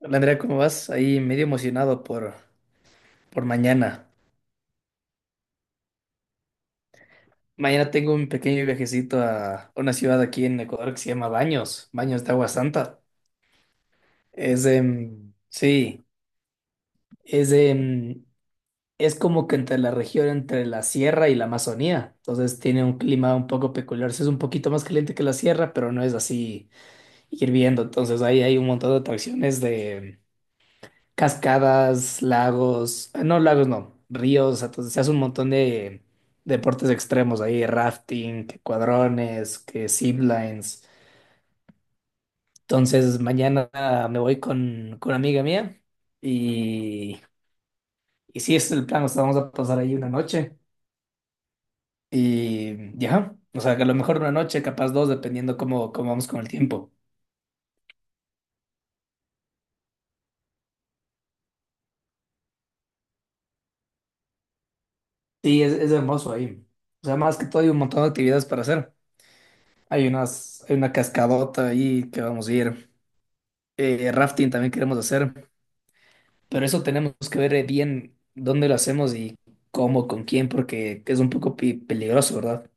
Hola Andrea, ¿cómo vas? Ahí medio emocionado por mañana. Mañana tengo un pequeño viajecito a una ciudad aquí en Ecuador que se llama Baños, Baños de Agua Santa. Es, em, sí, es, em, Es como que entre la región, entre la sierra y la Amazonía. Entonces tiene un clima un poco peculiar. Sí, es un poquito más caliente que la sierra, pero no es así hirviendo. Entonces ahí hay un montón de atracciones de cascadas, lagos, no lagos, no, ríos, entonces se hace un montón de deportes extremos ahí, rafting, que cuadrones, que ziplines. Entonces mañana me voy con una amiga mía y, y sí, ese es el plan, o sea, vamos a pasar ahí una noche y ya, o sea, que a lo mejor una noche, capaz dos, dependiendo cómo, cómo vamos con el tiempo. Sí, es hermoso ahí. O sea, más que todo hay un montón de actividades para hacer. Hay una cascadota ahí que vamos a ir. Eh, rafting también queremos hacer, pero eso tenemos que ver bien dónde lo hacemos y cómo, con quién, porque es un poco peligroso, ¿verdad?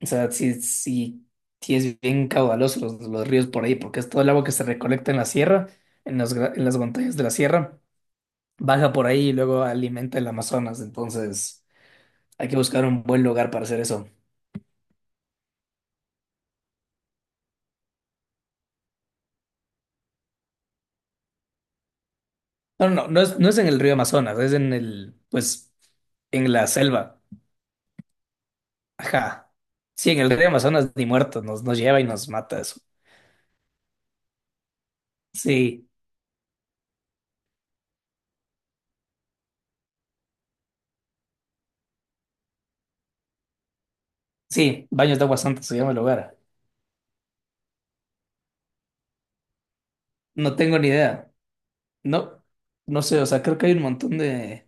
O sea, si es bien caudaloso los ríos por ahí, porque es todo el agua que se recolecta en la sierra, en en las montañas de la sierra, baja por ahí y luego alimenta el Amazonas, entonces hay que buscar un buen lugar para hacer eso. No es, no es en el río Amazonas, es en el, pues, en la selva. Ajá. Sí, en el río Amazonas ni muertos nos lleva y nos mata eso. Sí, sí, Baños de Agua Santa se llama el lugar. No tengo ni idea. No, no sé, o sea, creo que hay un montón de...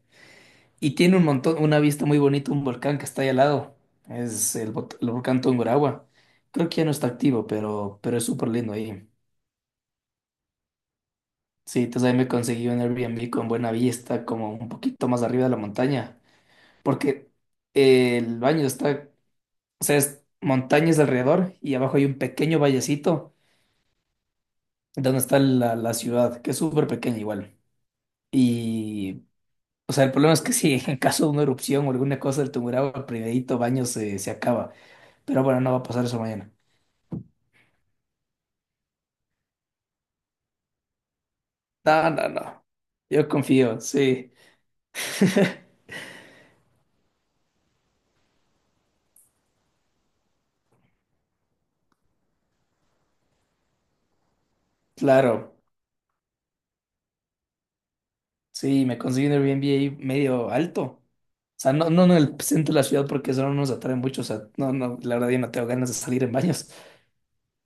Y tiene un montón, una vista muy bonita, un volcán que está ahí al lado. Es el volcán Tungurahua. Creo que ya no está activo, pero es súper lindo ahí. Sí, entonces ahí me conseguí un Airbnb con buena vista, como un poquito más arriba de la montaña. Porque el baño está. O sea, es montañas alrededor y abajo hay un pequeño vallecito donde está la ciudad, que es súper pequeña igual. Y, o sea, el problema es que si en caso de una erupción o alguna cosa del Tungurahua, el primerito baño se acaba. Pero bueno, no va a pasar eso mañana. No, no, no. Yo confío, sí. Claro. Sí, me conseguí un Airbnb ahí medio alto. O sea, no en el centro de la ciudad porque eso no nos atrae mucho. O sea, no, no, la verdad yo no tengo ganas de salir en baños.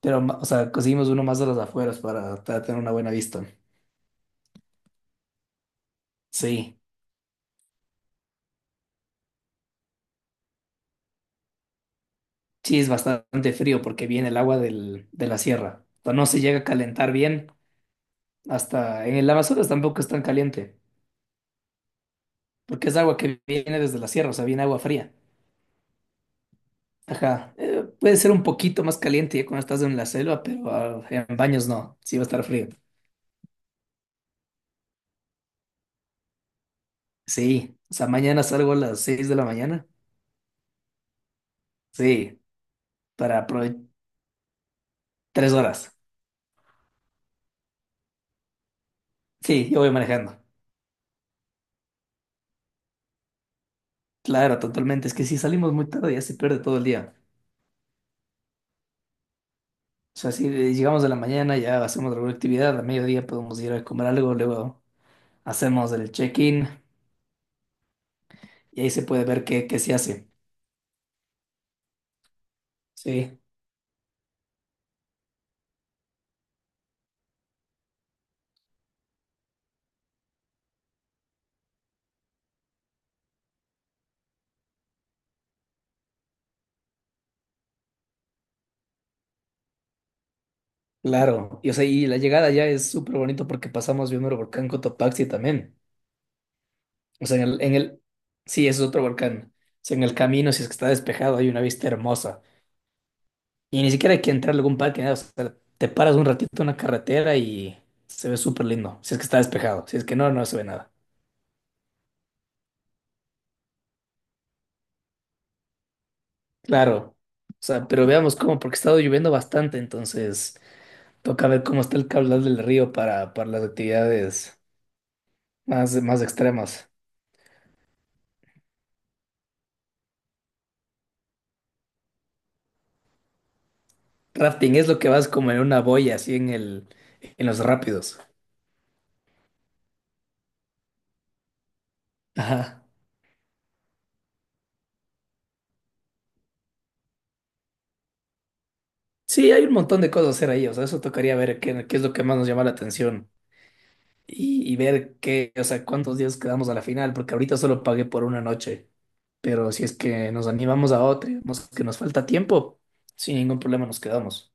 Pero, o sea, conseguimos uno más a las afueras para tener una buena vista. Sí, sí, es bastante frío porque viene el agua de la sierra. O sea, no se llega a calentar bien. Hasta en el Amazonas tampoco es tan caliente, porque es agua que viene desde la sierra, o sea, viene agua fría. Ajá, puede ser un poquito más caliente ya cuando estás en la selva, pero ah, en baños no, sí va a estar frío. Sí, o sea, mañana salgo a las 6 de la mañana. Sí, para aprove- 3 horas. Sí, yo voy manejando. Claro, totalmente. Es que si salimos muy tarde ya se pierde todo el día. O sea, si llegamos de la mañana ya hacemos alguna actividad, a mediodía podemos ir a comer algo, luego hacemos el check-in y ahí se puede ver qué, qué se hace. Sí, claro. Y, o sea, y la llegada ya es súper bonito porque pasamos viendo el volcán Cotopaxi también. O sea, en el... Sí, es otro volcán. O sea, en el camino, si es que está despejado, hay una vista hermosa. Y ni siquiera hay que entrar a algún parque, nada. O sea, te paras un ratito en una carretera y... Se ve súper lindo, si es que está despejado, si es que no, no se ve nada. Claro, o sea, pero veamos cómo, porque ha estado lloviendo bastante, entonces toca ver cómo está el caudal del río para las actividades más extremas. Rafting es lo que vas como en una boya, así en los rápidos. Ajá. Sí, hay un montón de cosas a hacer ahí, o sea, eso tocaría ver qué, qué es lo que más nos llama la atención y ver qué, o sea, cuántos días quedamos a la final, porque ahorita solo pagué por una noche, pero si es que nos animamos a otra, vemos que nos falta tiempo, sin ningún problema nos quedamos.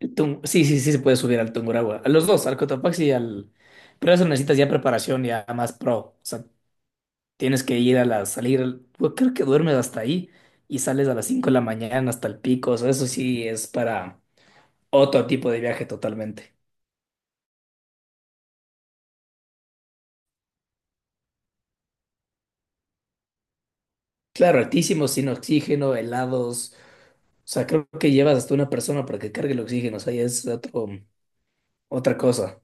Sí, sí, sí se puede subir al Tungurahua. A los dos, al Cotopaxi y al... Pero eso necesitas ya preparación, ya más pro. O sea, tienes que ir a la salir... al-. Yo creo que duermes hasta ahí y sales a las 5 de la mañana hasta el pico. O sea, eso sí es para otro tipo de viaje totalmente. Claro, altísimo, sin oxígeno, helados. O sea, creo que llevas hasta una persona para que cargue el oxígeno. O sea, ya es otro, otra cosa.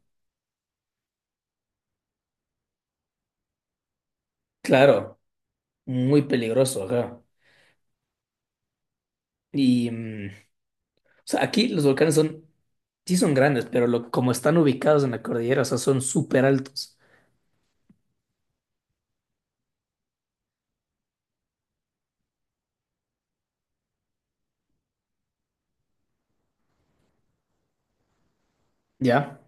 Claro, muy peligroso, ajá. Y... mm, o sea, aquí los volcanes son, sí son grandes, pero lo, como están ubicados en la cordillera, o sea, son súper altos. ¿Ya?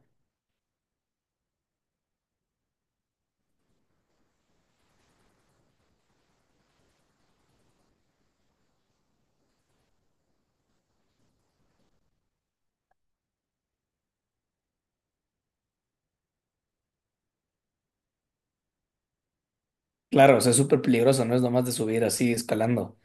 Claro, o sea, es súper peligroso, no es nomás de subir así, escalando.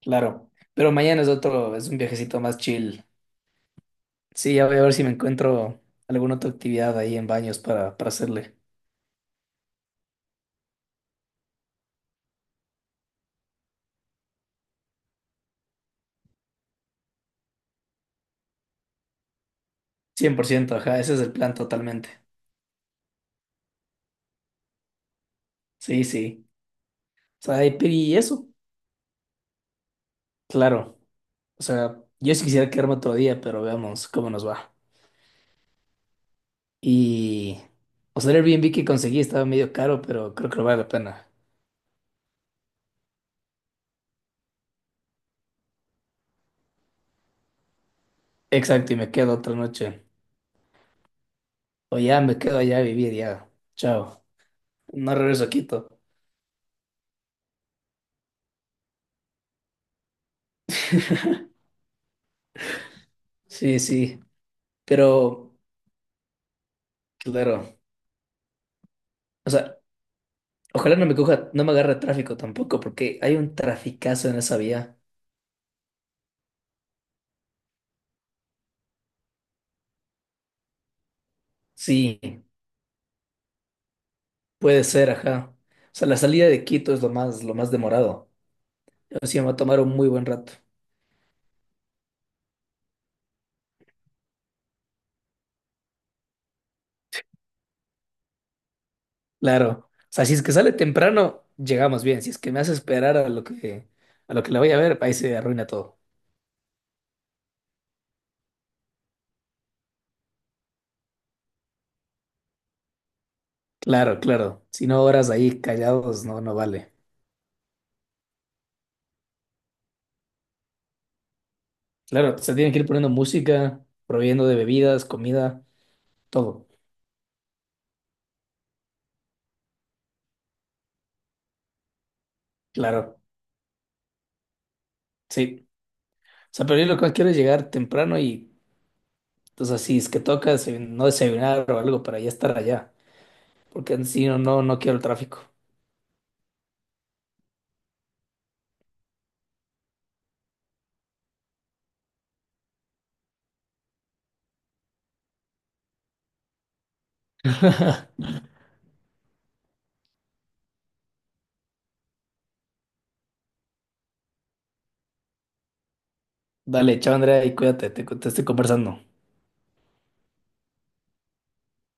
Claro. Pero mañana es otro, es un viajecito más chill. Sí, ya voy a ver si me encuentro alguna otra actividad ahí en baños para hacerle. 100%. Ajá, ese es el plan totalmente. Sí, sí. O sea, y eso, claro. O sea, yo sí quisiera quedarme otro día, pero veamos cómo nos va. Y, o sea, el Airbnb que conseguí estaba medio caro, pero creo que lo vale la pena. Exacto, y me quedo otra noche. O ya me quedo allá a vivir, ya. Chao. No regreso a Quito. Sí, sí, pero claro, o sea, ojalá no me coja, no me agarre tráfico tampoco, porque hay un traficazo en esa vía. Sí, puede ser, ajá. O sea, la salida de Quito es lo más demorado. Así me va a tomar un muy buen rato. Claro. O sea, si es que sale temprano, llegamos bien. Si es que me hace esperar a lo que la voy a ver, ahí se arruina todo. Claro, claro. Si no horas ahí callados, no, no vale. Claro, se tienen que ir poniendo música, proveyendo de bebidas, comida, todo. Claro, sí. O sea, pero yo lo que quiero es llegar temprano y, entonces, si es que toca no desayunar o algo para ya estar allá. Porque si no, no, no quiero el tráfico. Dale, chao, Andrea, y cuídate, te estoy conversando.